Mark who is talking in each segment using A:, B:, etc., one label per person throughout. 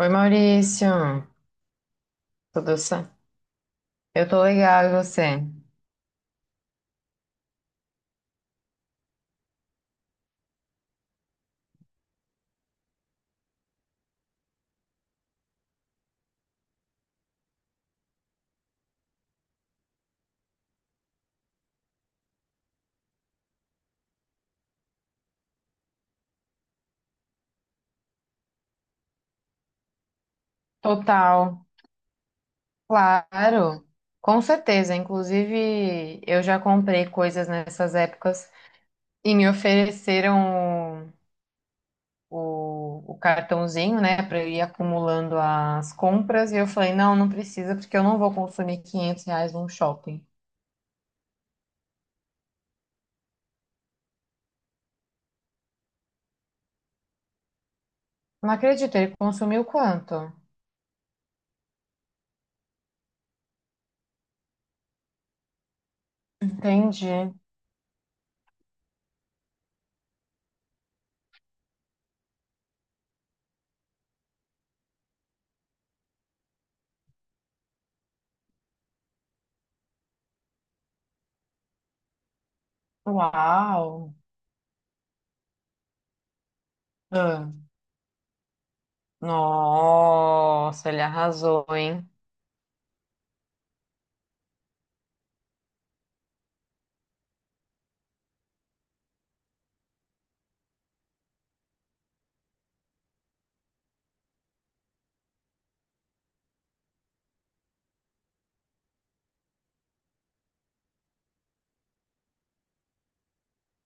A: Oi, Maurício. Tudo certo? Eu tô legal, e você? Total, claro. Com certeza. Inclusive, eu já comprei coisas nessas épocas e me ofereceram o cartãozinho, né, para eu ir acumulando as compras. E eu falei, não, não precisa, porque eu não vou consumir 500 reais num shopping. Não acredito, ele consumiu quanto? Entendi. Uau! Ah, nossa, ele arrasou, hein?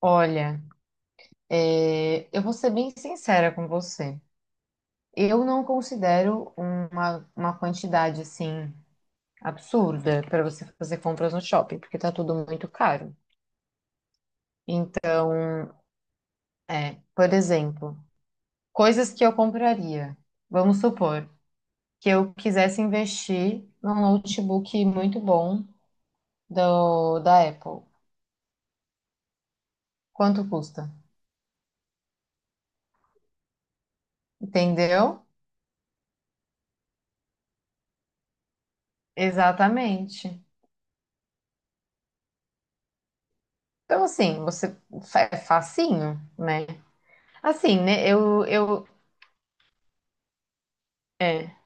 A: Olha, eu vou ser bem sincera com você. Eu não considero uma quantidade assim absurda para você fazer compras no shopping, porque tá tudo muito caro. Então, por exemplo, coisas que eu compraria. Vamos supor que eu quisesse investir num notebook muito bom da Apple. Quanto custa? Entendeu? Exatamente. Então, assim, você é facinho, né? Assim, né? É.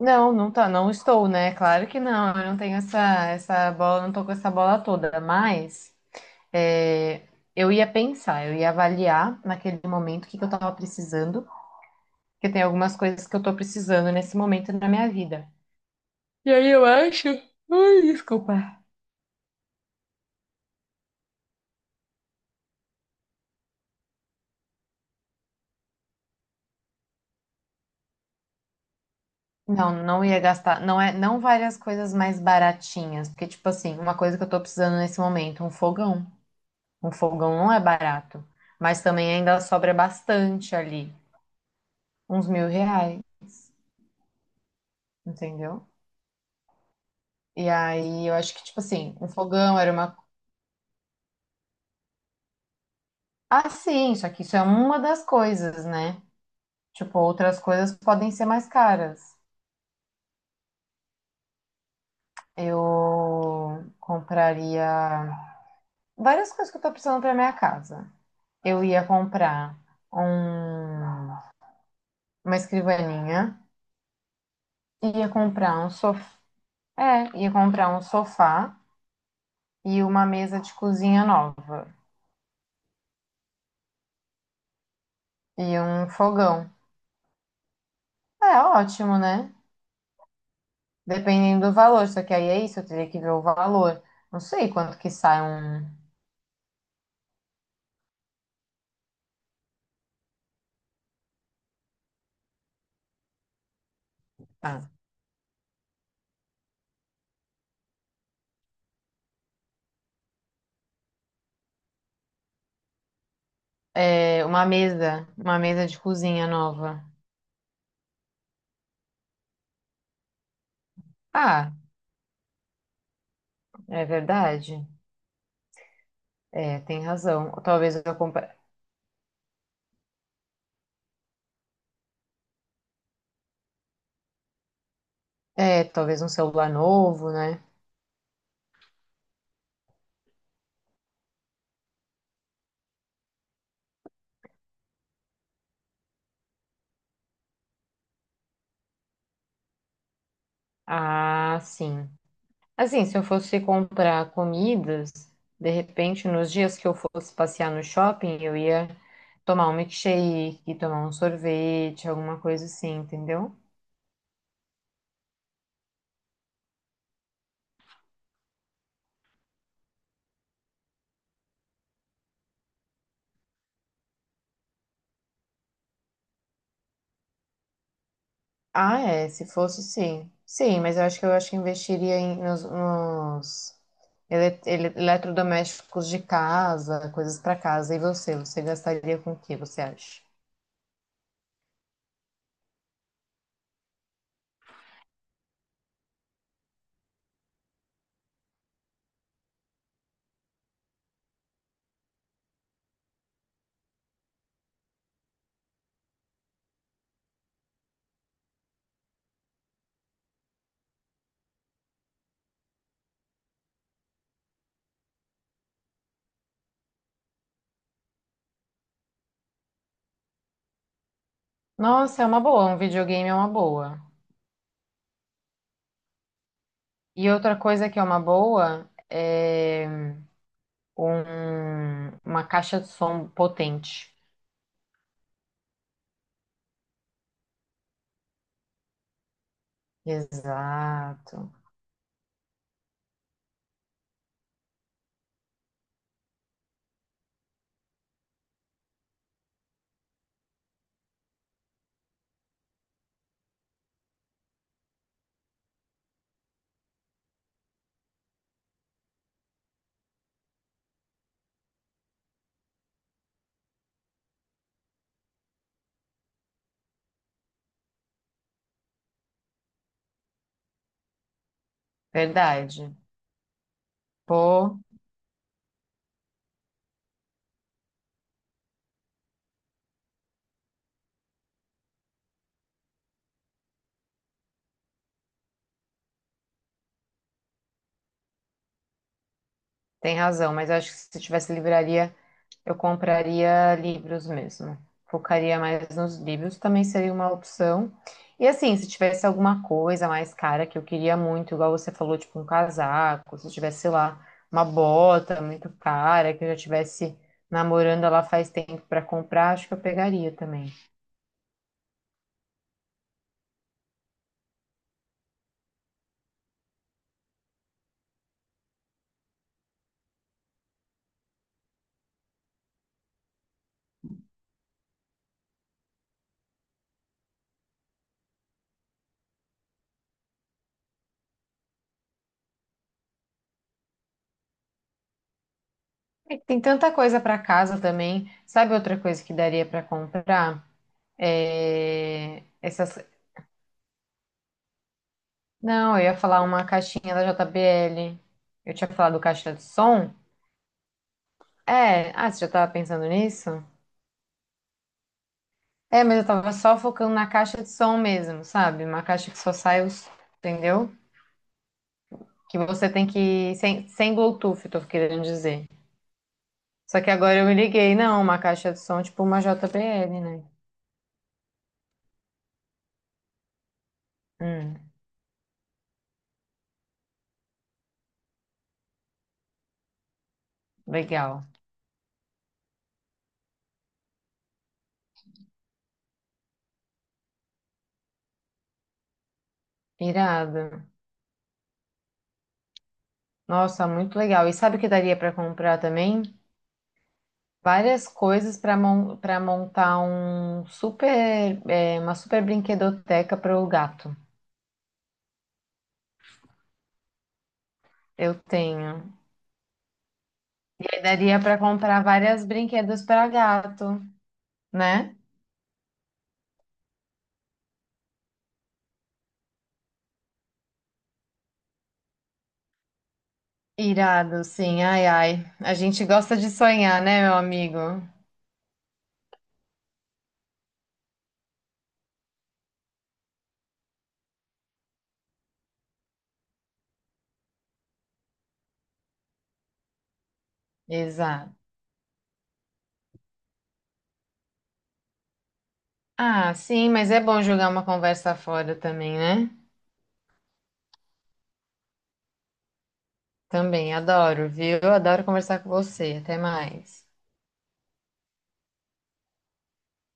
A: Não, não tá, não estou, né? Claro que não. Eu não tenho essa bola, não tô com essa bola toda. Mas é, eu ia pensar, eu ia avaliar naquele momento o que que eu tava precisando, porque tem algumas coisas que eu tô precisando nesse momento na minha vida. Desculpa. Não, não ia gastar, não é, não várias coisas mais baratinhas, porque tipo assim, uma coisa que eu tô precisando nesse momento, um fogão. Um fogão não é barato, mas também ainda sobra bastante ali. Uns mil reais, entendeu? E aí eu acho que, tipo assim, um fogão era uma. Ah, sim, só que isso é uma das coisas, né? Tipo, outras coisas podem ser mais caras. Eu compraria várias coisas que eu tô precisando pra minha casa. Eu ia comprar um... uma escrivaninha, ia comprar um sofá, ia comprar um sofá e uma mesa de cozinha nova e um fogão. É ótimo, né? Dependendo do valor, só que aí é isso, eu teria que ver o valor. Não sei quanto que sai um, ah, é, uma mesa de cozinha nova. Ah, é verdade. É, tem razão. Talvez eu compre, é, talvez um celular novo, né? Ah, sim. Assim, se eu fosse comprar comidas, de repente, nos dias que eu fosse passear no shopping, eu ia tomar um milkshake, tomar um sorvete, alguma coisa assim, entendeu? Ah, é, se fosse, sim. Sim, mas eu acho que investiria em, nos eletrodomésticos de casa, coisas para casa. E você, você gastaria com o que, você acha? Nossa, é uma boa, um videogame é uma boa. E outra coisa que é uma boa é uma caixa de som potente. Exato, verdade. Pô, tem razão, mas eu acho que se tivesse livraria, eu compraria livros mesmo. Focaria mais nos livros, também seria uma opção. E assim, se tivesse alguma coisa mais cara que eu queria muito, igual você falou, tipo um casaco, se tivesse, sei lá, uma bota muito cara, que eu já tivesse namorando ela faz tempo para comprar, acho que eu pegaria também. É que tem tanta coisa para casa também. Sabe outra coisa que daria para comprar? É... essas. Não, eu ia falar uma caixinha da JBL. Eu tinha falado caixa de som. É, ah, você já tava pensando nisso? É, mas eu tava só focando na caixa de som mesmo, sabe? Uma caixa que só sai os, entendeu? Que você tem que, sem Bluetooth, eu tô querendo dizer. Só que agora eu me liguei, não, uma caixa de som tipo uma JBL, né? Hum, legal. Irado. Nossa, muito legal. E sabe o que daria pra comprar também? Várias coisas pra mon para montar um super, é, uma super brinquedoteca para o gato. Eu tenho. Daria para comprar várias brinquedos para gato, né? Irado, sim, ai, ai. A gente gosta de sonhar, né, meu amigo? Exato. Ah, sim, mas é bom jogar uma conversa fora também, né? Também, adoro, viu? Adoro conversar com você. Até mais.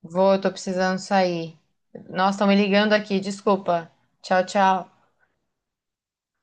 A: Vou, tô precisando sair. Nossa, estão me ligando aqui, desculpa. Tchau, tchau.